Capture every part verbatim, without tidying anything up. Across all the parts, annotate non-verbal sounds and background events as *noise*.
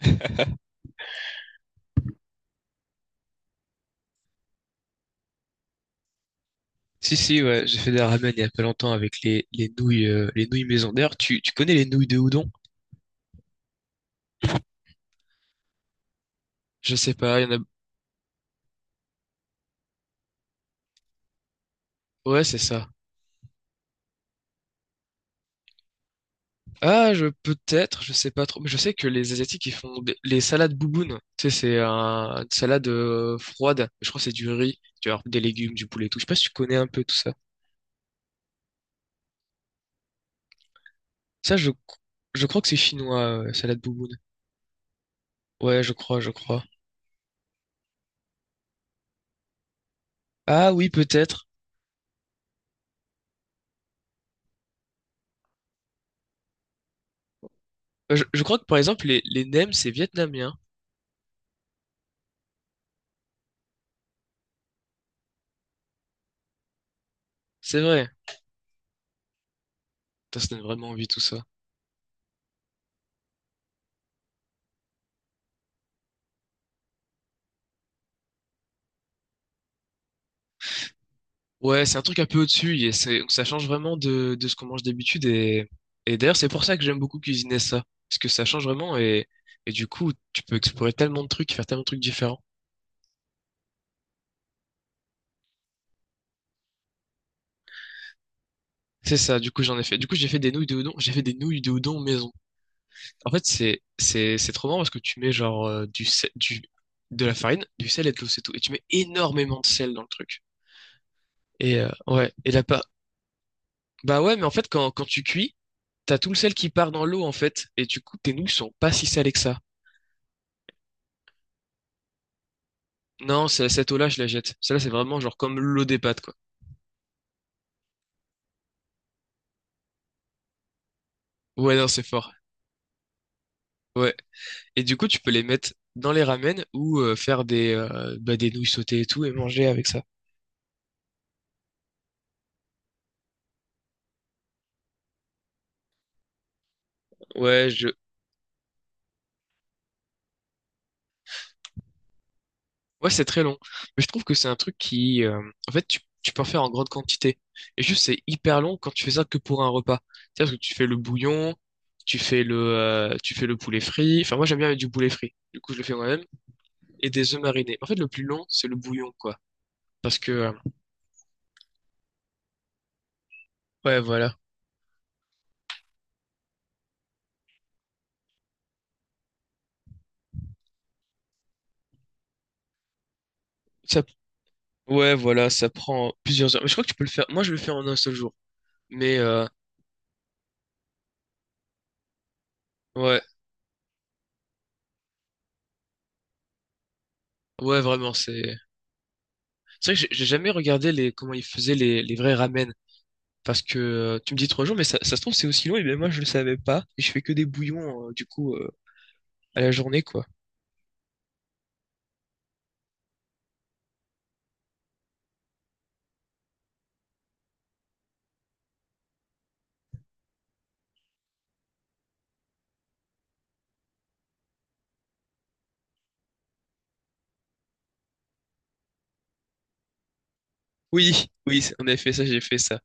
*laughs* Si, si, ouais, j'ai fait des ramen il y a pas longtemps avec les, les nouilles, euh, les nouilles maison. D'ailleurs, tu, tu connais les nouilles de udon? Je sais pas, il y en a. Ouais, c'est ça. Ah, je peut-être, je sais pas trop, mais je sais que les Asiatiques ils font des- les salades bouboune. Tu sais, c'est un- une salade euh, froide. Je crois que c'est du riz, tu vois, des légumes, du poulet, et tout. Je sais pas si tu connais un peu tout ça. Ça, je, je crois que c'est chinois, euh, salade bouboune. Ouais, je crois, je crois. Ah oui, peut-être. Euh, Je, je crois que par exemple les les nems c'est vietnamien. C'est vrai. Putain, ça donne vraiment envie tout ça. Ouais, c'est un truc un peu au-dessus et c'est- ça change vraiment de, de ce qu'on mange d'habitude et, et, d'ailleurs c'est pour ça que j'aime beaucoup cuisiner ça parce que ça change vraiment et, et du coup tu peux explorer tellement de trucs, faire tellement de trucs différents. C'est ça, du coup j'en ai fait. Du coup j'ai fait des nouilles de udon, j'ai fait des nouilles de udon maison. En fait c'est c'est c'est trop marrant parce que tu mets genre euh, du sel, du de la farine, du sel et de l'eau c'est tout et tu mets énormément de sel dans le truc. Et euh, ouais, et là pas. Bah ouais, mais en fait quand quand tu cuis, t'as tout le sel qui part dans l'eau en fait et du coup tes nouilles sont pas si salées que ça. Non, c'est- cette eau-là, je la jette. Celle-là, c'est vraiment genre comme l'eau des pâtes, quoi. Ouais, non, c'est fort. Ouais. Et du coup, tu peux les mettre dans les ramen ou euh, faire des, euh, bah, des nouilles sautées et tout et manger avec ça. Ouais, je... ouais, c'est très long. Mais je trouve que c'est un truc qui, euh, en fait, tu, tu peux en faire en grande quantité. Et juste, c'est hyper long quand tu fais ça que pour un repas. C'est-à-dire que tu fais le bouillon, tu fais le, euh, tu fais le poulet frit. Enfin, moi, j'aime bien avec du poulet frit. Du coup, je le fais moi-même. Et des œufs marinés. En fait, le plus long, c'est le bouillon, quoi. Parce que, euh, ouais, voilà. Ça Ouais, voilà, ça prend plusieurs heures. Mais je crois que tu peux le faire. Moi, je le fais en un seul jour. Mais euh, ouais, ouais, vraiment, c'est. C'est vrai que j'ai j'ai jamais regardé les comment ils faisaient les, les vrais ramen. Parce que euh, tu me dis trois jours, mais ça, ça se trouve c'est aussi long. Et bien moi, je le savais pas. Et je fais que des bouillons euh, du coup euh, à la journée, quoi. Oui, oui, on avait fait ça, j'ai fait ça.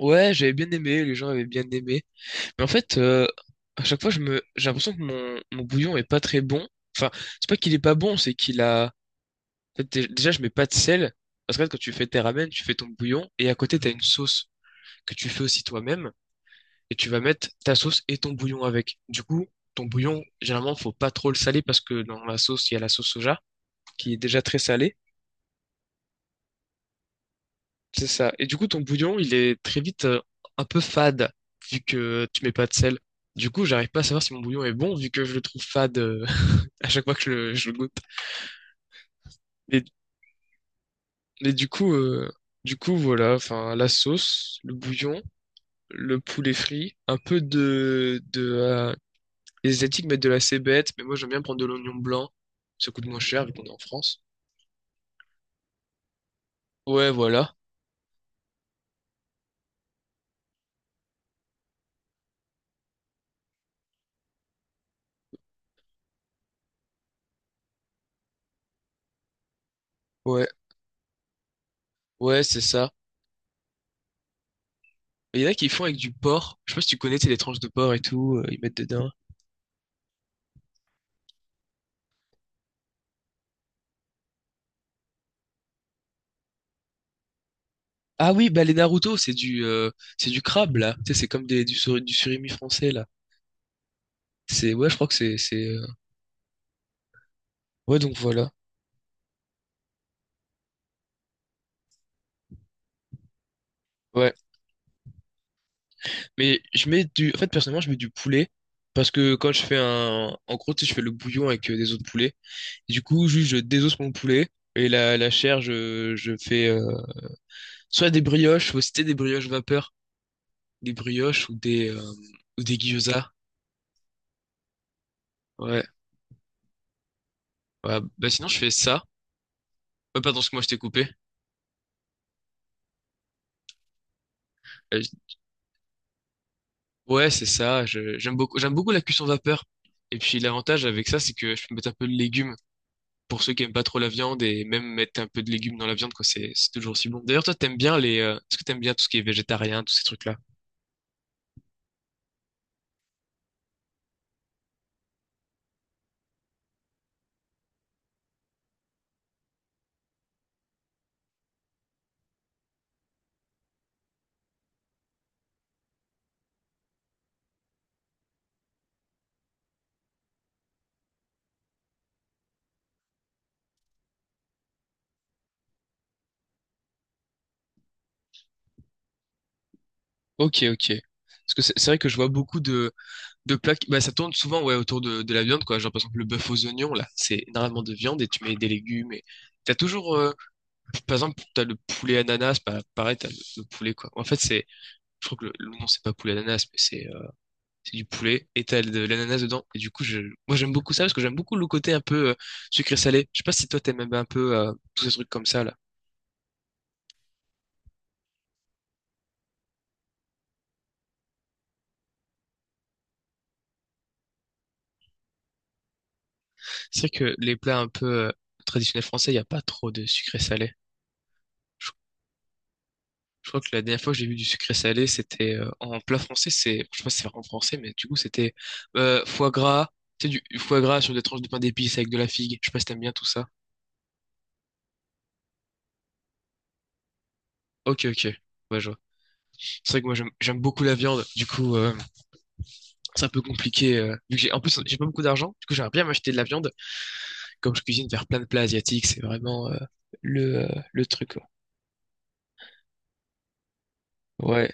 Ouais, j'avais bien aimé. Les gens avaient bien aimé. Mais en fait, euh, à chaque fois, je me, j'ai l'impression que mon, mon bouillon est pas très bon. Enfin, c'est pas qu'il est pas bon. C'est qu'il a En fait, dé- déjà, je mets pas de sel. Parce que quand tu fais tes ramen, tu fais ton bouillon et à côté, t'as une sauce que tu fais aussi toi-même et tu vas mettre ta sauce et ton bouillon avec. Du coup, ton bouillon, généralement, faut pas trop le saler parce que dans la sauce, il y a la sauce soja qui est déjà très salée. C'est ça. Et du coup, ton bouillon, il est très vite euh, un peu fade vu que tu mets pas de sel. Du coup, j'arrive pas à savoir si mon bouillon est bon vu que je le trouve fade euh, *laughs* à chaque fois que je le, je le goûte. Mais, mais du coup, euh, du coup, voilà, enfin, la sauce, le bouillon, le poulet frit, un peu de, de euh, les Asiatiques mettent de la cébette, mais moi j'aime bien prendre de l'oignon blanc. Ça coûte moins cher vu qu'on est en France. Ouais, voilà. Ouais, ouais, c'est ça. Il y en a qui font avec du porc. Je sais pas si tu connais, c'est les tranches de porc et tout, euh, ils mettent dedans. Ah oui, bah les Naruto, c'est du euh, c'est du crabe là. Tu sais, c'est comme des, du, suri- du surimi français là. C'est Ouais, je crois que c'est c'est euh, ouais donc voilà. Ouais, mais je mets du en fait personnellement, je mets du poulet parce que quand je fais un en gros, tu sais, je fais le bouillon avec euh, des os de poulet. Du coup, juste je désosse mon poulet et la, la chair, je, je fais euh, soit des brioches, faut citer des brioches vapeur, des brioches ou des euh, ou des gyoza. Ouais. Ouais. Bah sinon je fais ça. Euh, pardon, ce que moi je t'ai coupé. Euh, je- ouais, c'est ça. Je- j'aime beaucoup j'aime beaucoup la cuisson vapeur. Et puis l'avantage avec ça, c'est que je peux mettre un peu de légumes pour ceux qui aiment pas trop la viande et même mettre un peu de légumes dans la viande quoi, c'est c'est toujours aussi bon. D'ailleurs, toi t'aimes bien les euh, est-ce que t'aimes bien tout ce qui est végétarien, tous ces trucs-là? Ok, ok. Parce que c'est c'est vrai que je vois beaucoup de De plaques, bah, ça tourne souvent ouais, autour de, de la viande, quoi. Genre, par exemple, le bœuf aux oignons, là, c'est énormément de viande et tu mets des légumes. Et... T'as toujours, euh, par exemple, t'as le poulet ananas, bah, pareil, t'as le, le poulet, quoi. En fait, c'est, je crois que le, le nom, c'est pas poulet ananas, mais c'est euh, c'est du poulet et t'as de l'ananas dedans. Et du coup, je, moi, j'aime beaucoup ça parce que j'aime beaucoup le côté un peu euh, sucré-salé. Je sais pas si toi, t'aimes un peu euh, tous ces trucs comme ça, là. C'est vrai que les plats un peu euh, traditionnels français, il n'y a pas trop de sucré-salé. Je crois que la dernière fois que j'ai vu du sucré salé, c'était euh, en plat français. C'est, je sais pas si c'est en français, mais du coup, c'était euh, foie gras. Tu sais, du foie gras sur des tranches de pain d'épices avec de la figue. Je sais pas si t'aimes bien tout ça. Ok, ok. Ouais, je vois. C'est vrai que moi, j'aime j'aime beaucoup la viande. Du coup, euh, c'est un peu compliqué. Euh, vu que j'ai, en plus, j'ai pas beaucoup d'argent. Du coup, j'aimerais bien m'acheter de la viande. Comme je cuisine vers plein de plats asiatiques, c'est vraiment euh, le, euh, le truc, quoi. Ouais.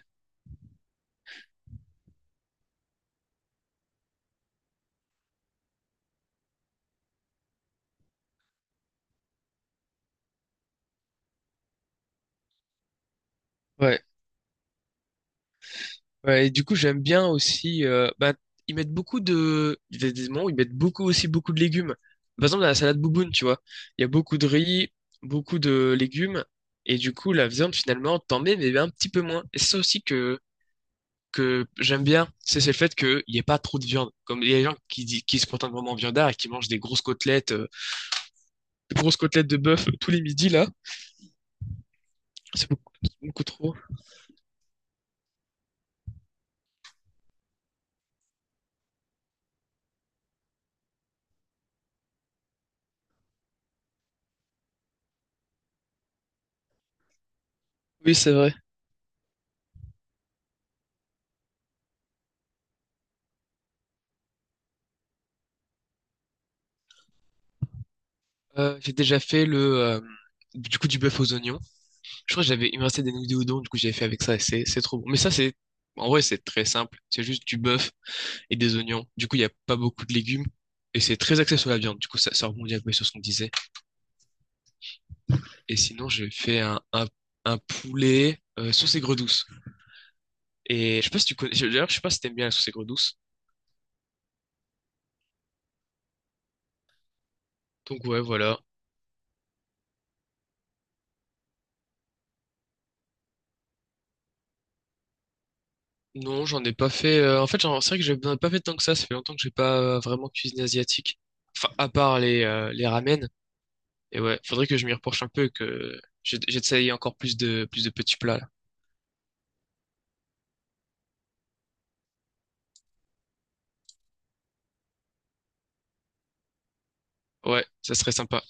Ouais. Ouais, et du coup, j'aime bien aussi. Euh, bah, ils mettent beaucoup de. Il y a des moments où ils mettent beaucoup aussi beaucoup de légumes. Par exemple, dans la salade bouboune, tu vois. Il y a beaucoup de riz, beaucoup de légumes. Et du coup, la viande, finalement, t'en mets, mais un petit peu moins. Et c'est ça aussi que, que j'aime bien. C'est c'est le fait qu'il n'y ait pas trop de viande. Comme il y a des gens qui, di- qui se contentent vraiment de viandard et qui mangent des grosses côtelettes, euh, des grosses côtelettes de bœuf tous les midis, là. C'est beaucoup, c'est beaucoup trop. Oui, c'est vrai. Euh, j'ai déjà fait le. Euh, du coup, du bœuf aux oignons. Je crois que j'avais, il me restait des nouilles de udon, du coup j'avais fait avec ça et c'est, c'est trop bon. Mais ça, c'est, en vrai, c'est très simple. C'est juste du bœuf et des oignons. Du coup, il n'y a pas beaucoup de légumes et c'est très axé sur la viande. Du coup, ça, ça rebondit un peu sur ce qu'on disait. Et sinon, j'ai fait un, un, un poulet euh, sauce aigre douce. Et je sais pas si tu connais, d'ailleurs, je sais pas si t'aimes bien la sauce aigre douce. Donc ouais, voilà. Non, j'en ai pas fait. Euh, en fait, j'en- c'est vrai que j'en ai pas fait tant que ça. Ça fait longtemps que j'ai pas euh, vraiment cuisiné asiatique. Enfin, à part les, euh, les ramen. Et ouais, faudrait que je m'y reproche un peu, que j'ai- j'essaye encore plus de, plus de petits plats, là. Ouais, ça serait sympa.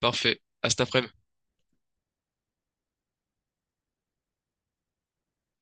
Parfait. À cet après-midi.